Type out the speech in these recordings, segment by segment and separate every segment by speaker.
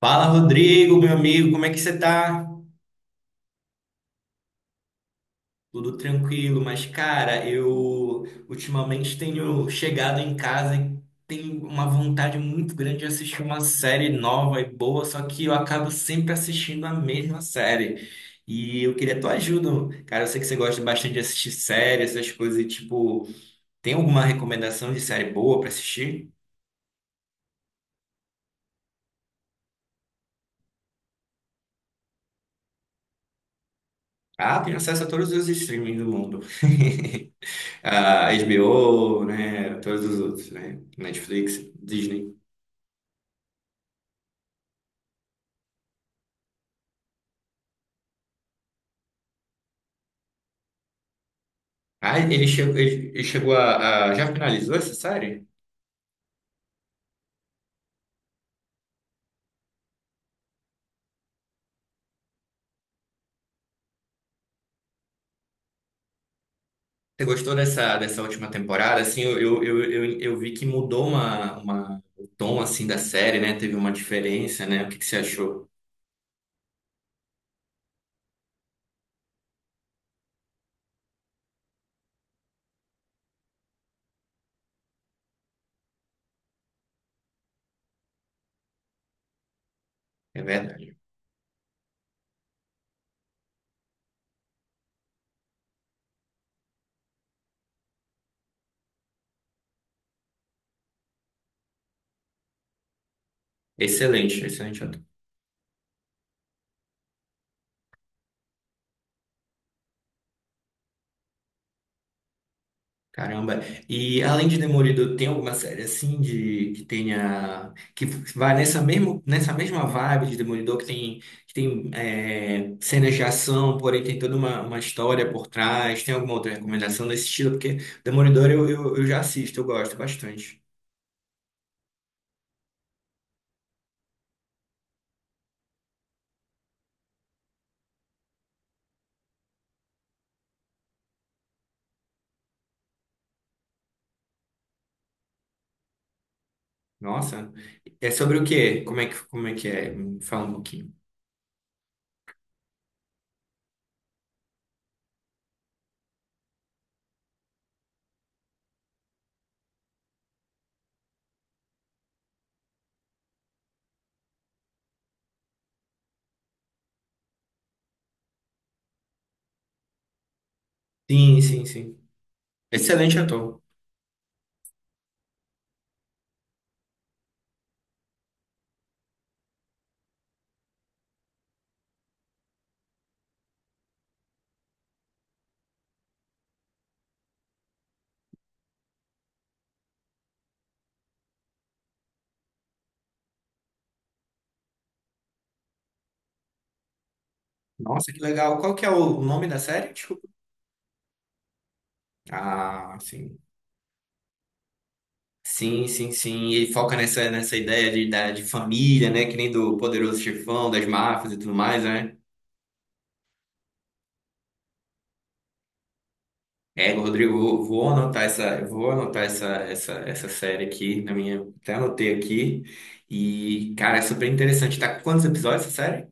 Speaker 1: Fala, Rodrigo, meu amigo, como é que você tá? Tudo tranquilo, mas cara, eu ultimamente tenho chegado em casa e tenho uma vontade muito grande de assistir uma série nova e boa, só que eu acabo sempre assistindo a mesma série. E eu queria tua ajuda, cara. Eu sei que você gosta bastante de assistir séries, essas coisas, e, tipo, tem alguma recomendação de série boa pra assistir? Ah, tenho acesso a todos os streamings do mundo. A HBO, né? Todos os outros, né? Netflix, Disney. Ah, ele chegou, ele chegou a- Já finalizou essa série? Você gostou dessa, dessa última temporada? Assim, eu vi que mudou uma, o tom, assim, da série, né? Teve uma diferença, né? O que que você achou? É verdade. Excelente, excelente. Caramba. E além de Demolidor, tem alguma série assim de que tenha que vai nessa mesmo nessa mesma vibe de Demolidor que tem é, cenas de ação, porém tem toda uma história por trás. Tem alguma outra recomendação nesse estilo? Porque Demolidor eu já assisto, eu gosto bastante. Nossa. É sobre o quê? Como é que é? Me fala um pouquinho. Sim, sim, sim. Excelente ator. Nossa, que legal. Qual que é o nome da série? Desculpa. Ah, sim. Sim, sim, sim. E ele foca nessa, nessa ideia de, da, de família, né? Que nem do Poderoso Chefão, das máfias e tudo mais, né? É, Rodrigo, vou anotar essa, eu vou anotar essa, essa, essa série aqui na minha. Até anotei aqui. E, cara, é super interessante. Tá com quantos episódios essa série?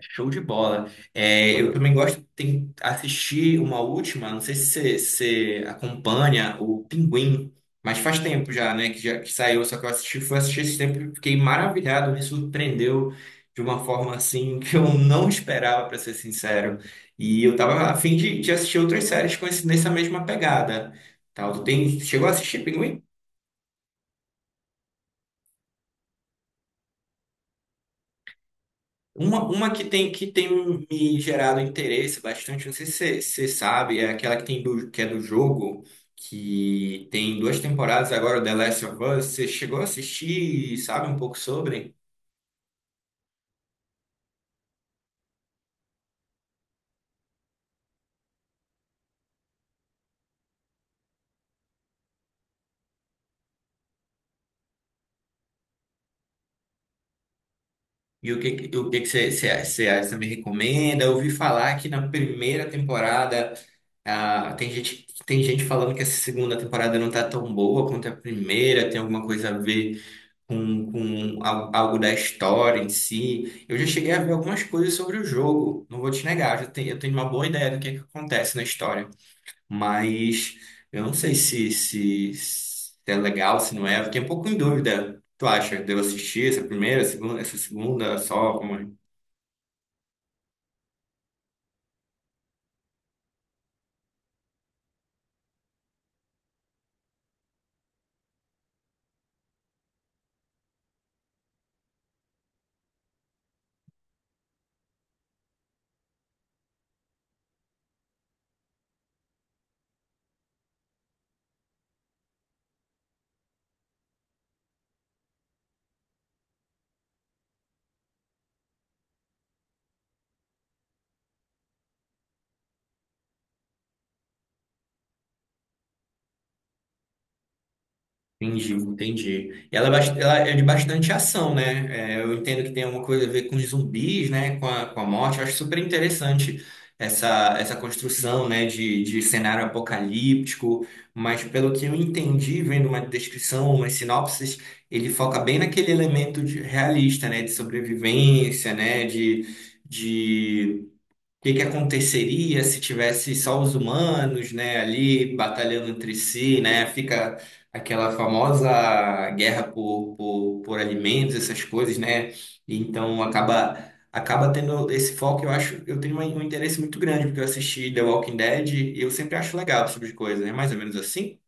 Speaker 1: Show de bola. É, eu também gosto de assistir uma última, não sei se você acompanha o Pinguim, mas faz tempo já, né, que já que saiu, só que eu assisti, fui assistir esse tempo e fiquei maravilhado, me surpreendeu de uma forma assim que eu não esperava, para ser sincero. E eu tava a fim de assistir outras séries com esse, nessa mesma pegada. Tal, tu tem, chegou a assistir Pinguim? Uma que tem um, me gerado interesse bastante, não sei se você sabe, é aquela que tem do, que é do jogo, que tem duas temporadas agora, The Last of Us. Você chegou a assistir e sabe um pouco sobre? E o que, que você me recomenda? Eu ouvi falar que na primeira temporada, ah, tem gente falando que essa segunda temporada não tá tão boa quanto a primeira, tem alguma coisa a ver com al- algo da história em si. Eu já cheguei a ver algumas coisas sobre o jogo, não vou te negar, eu já tenho, eu tenho uma boa ideia do que é que acontece na história, mas eu não sei se, se, se é legal, se não é, eu fiquei um pouco em dúvida. Tu acha? Devo assistir essa primeira, essa segunda, só? Entendi, entendi. E ela, é bast- ela é de bastante ação, né? É, eu entendo que tem alguma coisa a ver com os zumbis, né? Com a morte. Eu acho super interessante essa, essa construção, né? De cenário apocalíptico. Mas pelo que eu entendi, vendo uma descrição, umas sinopses, ele foca bem naquele elemento de- realista, né? De sobrevivência, né? De o que que aconteceria se tivesse só os humanos, né, ali batalhando entre si, né? Fica aquela famosa guerra por alimentos, essas coisas, né? Então acaba acaba tendo esse foco, eu acho, eu tenho um um interesse muito grande porque eu assisti The Walking Dead e eu sempre acho legal esse tipo de coisa, né? Mais ou menos assim.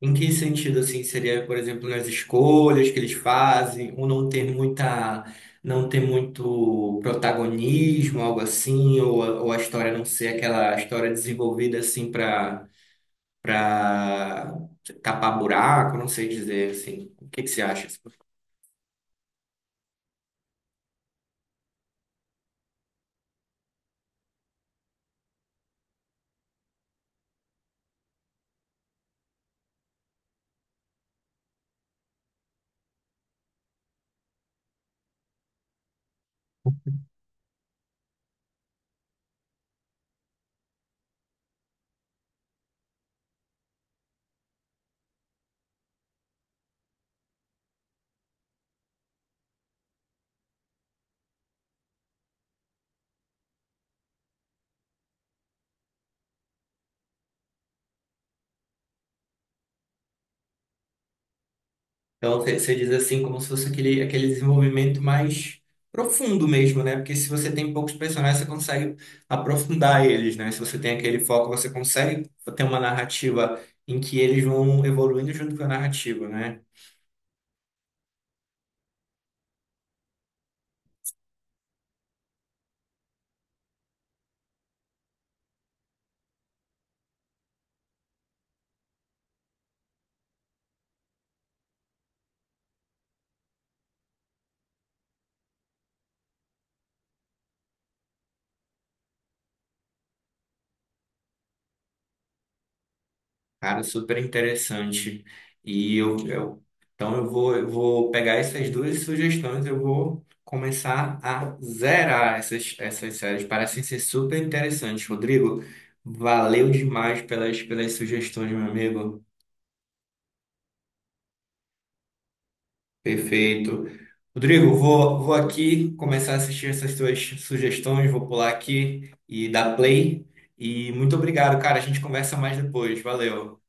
Speaker 1: Em que sentido, assim, seria, por exemplo, nas escolhas que eles fazem, ou não ter muita, não ter muito protagonismo, algo assim, ou a história não ser aquela história desenvolvida, assim, para para tapar buraco, não sei dizer, assim. O que que você acha? Então, você diz assim, como se fosse aquele, aquele desenvolvimento mais profundo mesmo, né? Porque se você tem poucos personagens, você consegue aprofundar eles, né? Se você tem aquele foco, você consegue ter uma narrativa em que eles vão evoluindo junto com a narrativa, né? Cara, super interessante. E eu então eu vou pegar essas duas sugestões, eu vou começar a zerar essas, essas séries. Parecem ser super interessantes. Rodrigo, valeu demais pelas, pelas sugestões, meu amigo. Perfeito. Rodrigo, vou, vou aqui começar a assistir essas suas sugestões, vou pular aqui e dar play. E muito obrigado, cara. A gente conversa mais depois. Valeu.